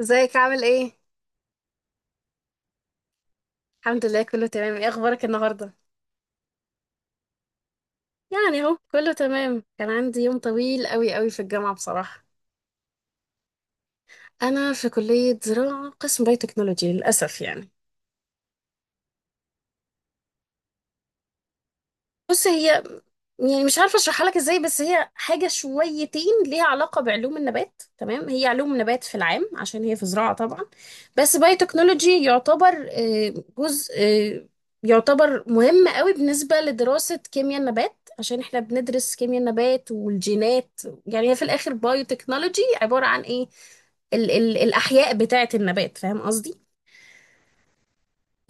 ازيك عامل ايه؟ الحمد لله، كله تمام. ايه اخبارك النهارده؟ يعني اهو كله تمام، كان عندي يوم طويل قوي قوي في الجامعة بصراحة. انا في كلية زراعة قسم بايوتكنولوجي للاسف يعني. بص، هي يعني مش عارفه اشرحها لك ازاي، بس هي حاجه شويتين ليها علاقه بعلوم النبات، تمام. هي علوم نبات في العام عشان هي في زراعه طبعا. بس باي تكنولوجي يعتبر جزء، يعتبر مهم قوي بالنسبه لدراسه كيمياء النبات، عشان احنا بندرس كيمياء النبات والجينات. يعني هي في الاخر بايو تكنولوجي عباره عن ايه؟ ال الاحياء بتاعه النبات، فاهم قصدي.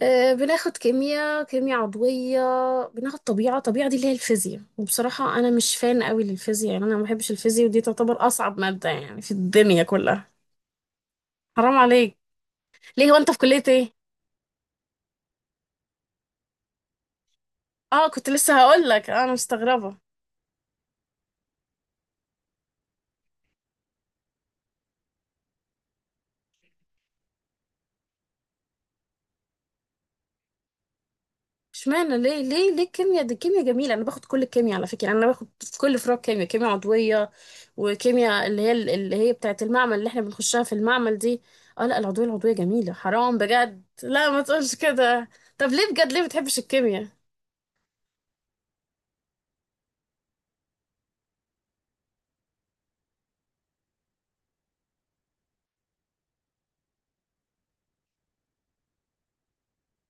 بناخد كيمياء عضوية. بناخد طبيعة دي اللي هي الفيزياء، وبصراحة أنا مش فان قوي للفيزياء، يعني أنا ما بحبش الفيزياء، ودي تعتبر أصعب مادة يعني في الدنيا كلها. حرام عليك! ليه، هو أنت في كلية إيه؟ آه، كنت لسه هقول لك أنا مستغربة. اشمعنى؟ ليه الكيمياء؟ دي الكيمياء جميله، انا باخد كل الكيمياء على فكره، انا باخد في كل فروع كيمياء عضويه، وكيمياء اللي هي بتاعه المعمل اللي احنا بنخشها في المعمل دي. اه، لا، العضويه، العضويه جميله حرام بجد، لا ما تقولش كده. طب ليه بجد، ليه بتحبش الكيمياء؟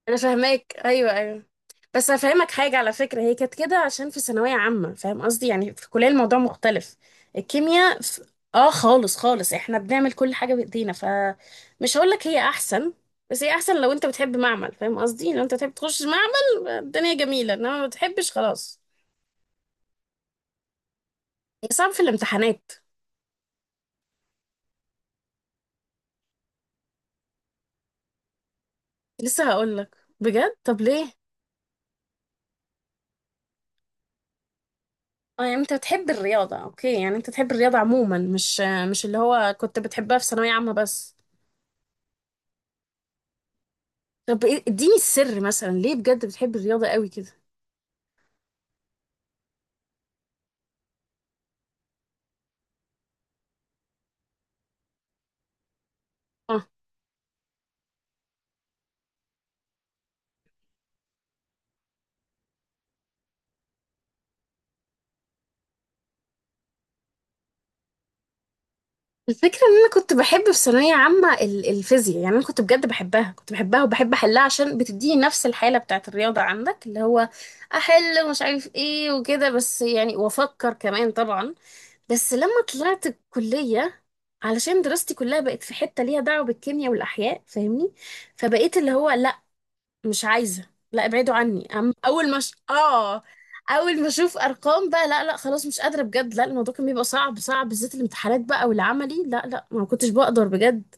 انا فاهماك، ايوه ايوه. بس هفهمك حاجة على فكرة، هي كانت كده عشان في ثانوية عامة، فاهم قصدي، يعني في الكلية الموضوع مختلف. الكيمياء ف... اه خالص خالص، احنا بنعمل كل حاجة بايدينا، فمش هقولك هي احسن، بس هي احسن لو انت بتحب معمل، فاهم قصدي، لو انت بتحب تخش معمل الدنيا جميلة، انما ما بتحبش خلاص. هي صعب في الامتحانات. لسه هقولك بجد، طب ليه؟ اه، يعني انت بتحب الرياضة، اوكي، يعني انت بتحب الرياضة عموما، مش مش اللي هو كنت بتحبها في ثانوية عامة بس؟ طب اديني السر مثلا، ليه بجد بتحب الرياضة قوي كده؟ آه. الفكرة ان انا كنت بحب في ثانوية عامة الفيزياء، يعني انا كنت بجد بحبها، كنت بحبها وبحب احلها عشان بتديني نفس الحالة بتاعت الرياضة عندك، اللي هو احل ومش عارف ايه وكده، بس يعني وافكر كمان طبعا. بس لما طلعت الكلية، علشان دراستي كلها بقت في حتة ليها دعوة بالكيمياء والاحياء، فاهمني. فبقيت اللي هو لا، مش عايزة، لا ابعدوا عني، أم اول ما ش... اه. اول ما اشوف ارقام بقى، لا لا خلاص، مش قادرة بجد، لا، الموضوع كان بيبقى صعب صعب بالذات الامتحانات بقى والعملي، لا لا ما كنتش بقدر بجد.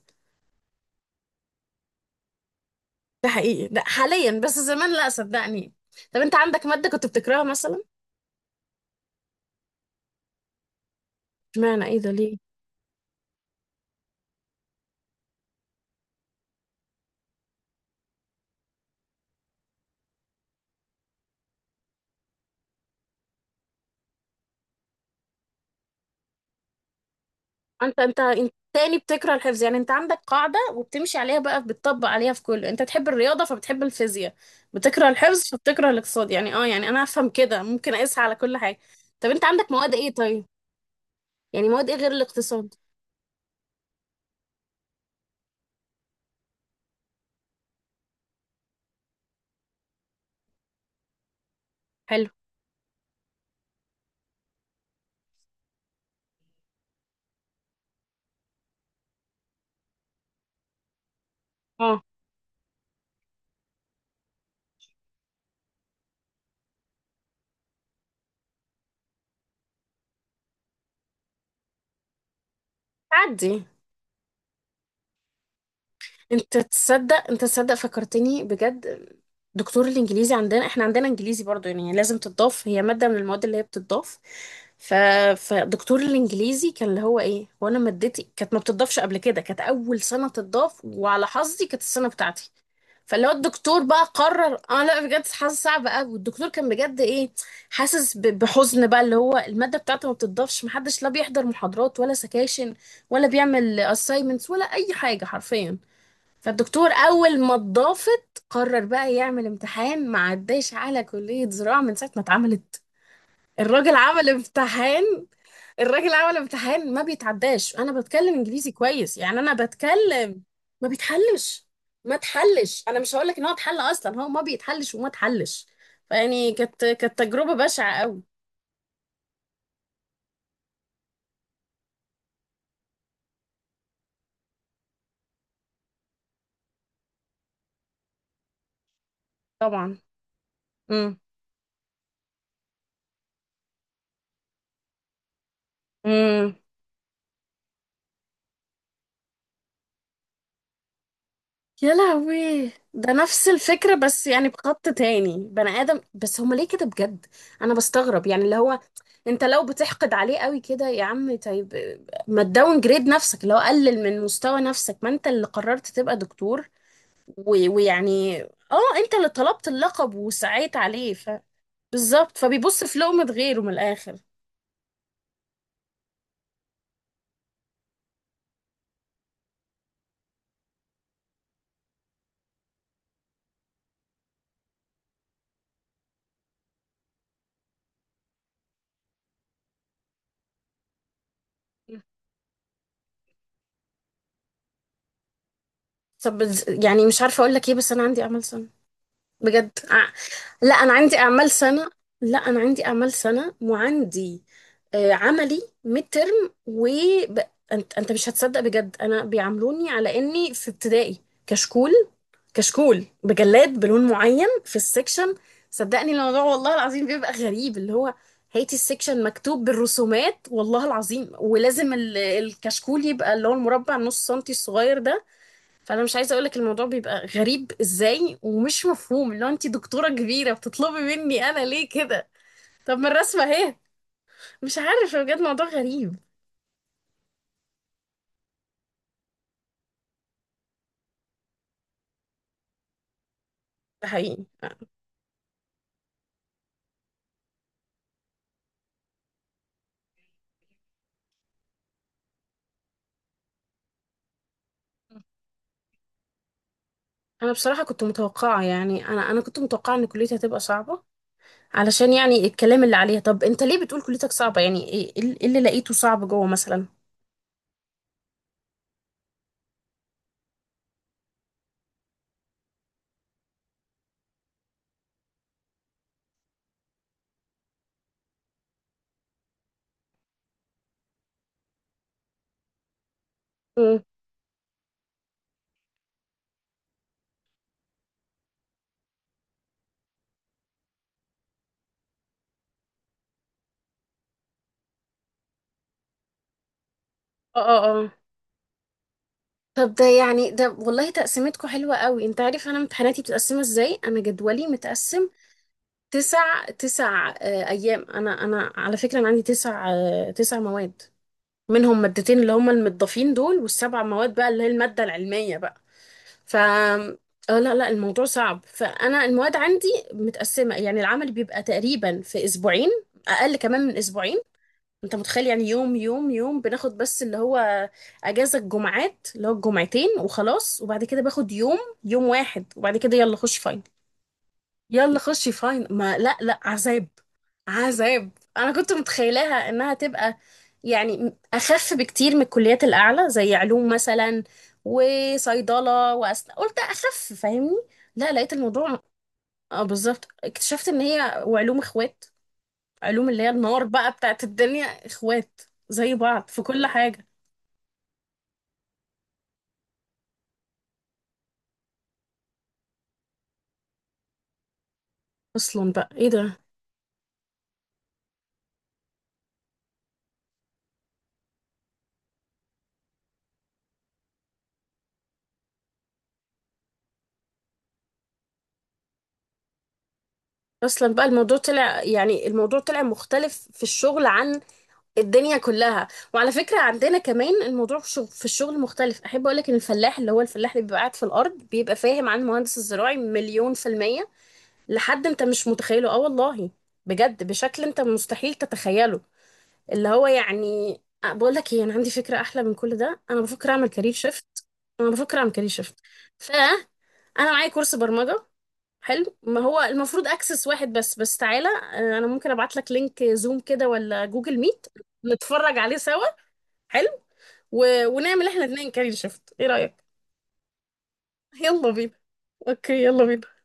ده حقيقي، لا حاليا، بس زمان لا صدقني. طب انت عندك مادة كنت بتكرهها مثلا؟ اشمعنى، ايه ده، ليه؟ انت تاني بتكره الحفظ، يعني انت عندك قاعدة وبتمشي عليها بقى، بتطبق عليها في كله، انت بتحب الرياضة فبتحب الفيزياء، بتكره الحفظ فبتكره الاقتصاد، يعني اه، يعني انا افهم كده، ممكن اقيسها على كل حاجة. طب انت عندك مواد ايه طيب؟ يعني مواد ايه غير الاقتصاد؟ حلو. اه. عدي. انت تصدق، انت تصدق فكرتني بجد. دكتور الانجليزي عندنا، احنا عندنا انجليزي برضو، يعني لازم تضاف، هي مادة من المواد اللي هي بتضاف. ف... فدكتور الانجليزي كان اللي هو ايه، وانا مادتي كانت ما بتضافش قبل كده، كانت اول سنة تضاف وعلى حظي كانت السنة بتاعتي. فاللي هو الدكتور بقى قرر، اه لا بجد، حاسه صعب قوي، والدكتور كان بجد ايه، حاسس بحزن بقى، اللي هو الماده بتاعته ما بتضافش، محدش لا بيحضر محاضرات ولا سكاشن، ولا بيعمل assignments ولا اي حاجه حرفيا. فالدكتور اول ما اتضافت قرر بقى يعمل امتحان ما عداش على كليه زراعه من ساعه ما اتعملت. الراجل عمل امتحان، الراجل عمل امتحان ما بيتعداش، انا بتكلم انجليزي كويس، يعني انا بتكلم. ما بيتحلش، ما اتحلش، انا مش هقول لك ان هو اتحل، اصلا هو ما بيتحلش وما اتحلش. فيعني كانت تجربة بشعة قوي. طبعا. امم. امم. يا لهوي. ده نفس الفكرة، بس يعني بخط تاني بني آدم، بس هما ليه كده بجد؟ أنا بستغرب يعني اللي هو، أنت لو بتحقد عليه قوي كده يا عم طيب، ما تداون جريد نفسك، اللي هو قلل من مستوى نفسك، ما أنت اللي قررت تبقى دكتور، و- ويعني اه، انت اللي طلبت اللقب وسعيت عليه ف. بالظبط، فبيبص في لقمة غيره من الاخر. طب يعني مش عارفة اقول لك ايه، بس انا عندي اعمال سنة. بجد لا انا عندي اعمال سنة، لا انا عندي اعمال سنة، وعندي عملي ميد ترم و ب... انت مش هتصدق بجد، انا بيعاملوني على اني في ابتدائي. كشكول، كشكول بجلاد بلون معين في السكشن، صدقني الموضوع والله العظيم بيبقى غريب، اللي هو هاتي السكشن مكتوب بالرسومات والله العظيم، ولازم الكشكول يبقى اللي هو المربع نص سنتي الصغير ده. فانا مش عايزه اقولك الموضوع بيبقى غريب ازاي ومش مفهوم، اللي هو انت دكتوره كبيره بتطلبي مني انا ليه كده. طب ما الرسمه اهي! مش عارف بجد، موضوع غريب. ده حقيقي. انا بصراحه كنت متوقعه، يعني انا كنت متوقعه ان كليتي هتبقى صعبه، علشان يعني الكلام اللي عليها. طب انت ليه بتقول كليتك صعبة؟ يعني ايه، إيه اللي لقيته صعب جوه مثلا؟ مم. اه اه اه. طب ده يعني، ده والله تقسيمتكم حلوة قوي. انت عارف انا امتحاناتي بتقسمها ازاي؟ انا جدولي متقسم. تسع ايام، انا على فكرة انا عندي تسع مواد، منهم مادتين اللي هما المتضافين دول، والسبع مواد بقى اللي هي المادة العلمية بقى. ف اه لا لا الموضوع صعب، فانا المواد عندي متقسمه، يعني العمل بيبقى تقريبا في اسبوعين، اقل كمان من اسبوعين. انت متخيل؟ يعني يوم بناخد، بس اللي هو اجازه الجمعات اللي هو الجمعتين وخلاص، وبعد كده باخد يوم، يوم واحد، وبعد كده يلا خش فاينل. يلا خشي فاين، ما لا لا عذاب. عذاب. انا كنت متخيلاها انها تبقى يعني اخف بكتير من الكليات الاعلى زي علوم مثلا وصيدله واسنان، قلت اخف، فاهمني. لا، لقيت الموضوع. اه بالظبط، اكتشفت ان هي وعلوم اخوات، علوم اللي هي النار بقى بتاعت الدنيا، اخوات زي بعض في كل حاجه. اصلا بقى ايه ده، اصلا بقى الموضوع طلع، يعني الموضوع طلع مختلف في الشغل عن الدنيا كلها. وعلى فكرة عندنا كمان الموضوع في الشغل مختلف، أحب أقولك إن الفلاح اللي هو الفلاح اللي بيبقى قاعد في الأرض بيبقى فاهم عن المهندس الزراعي 1,000,000%، لحد أنت مش متخيله، آه والله. بجد بشكل أنت مستحيل تتخيله، اللي هو يعني. بقولك إيه، أنا عندي فكرة أحلى من كل ده، أنا بفكر أعمل كارير شيفت. أنا بفكر أعمل كارير شيفت. فأنا معايا كورس برمجة، حلو، ما هو المفروض اكسس واحد بس تعالى، انا ممكن ابعت لك لينك زوم كده ولا جوجل ميت، نتفرج عليه سوا. حلو. و... ونعمل احنا اتنين كاري شيفت، ايه رأيك؟ يلا بينا. اوكي، يلا بينا.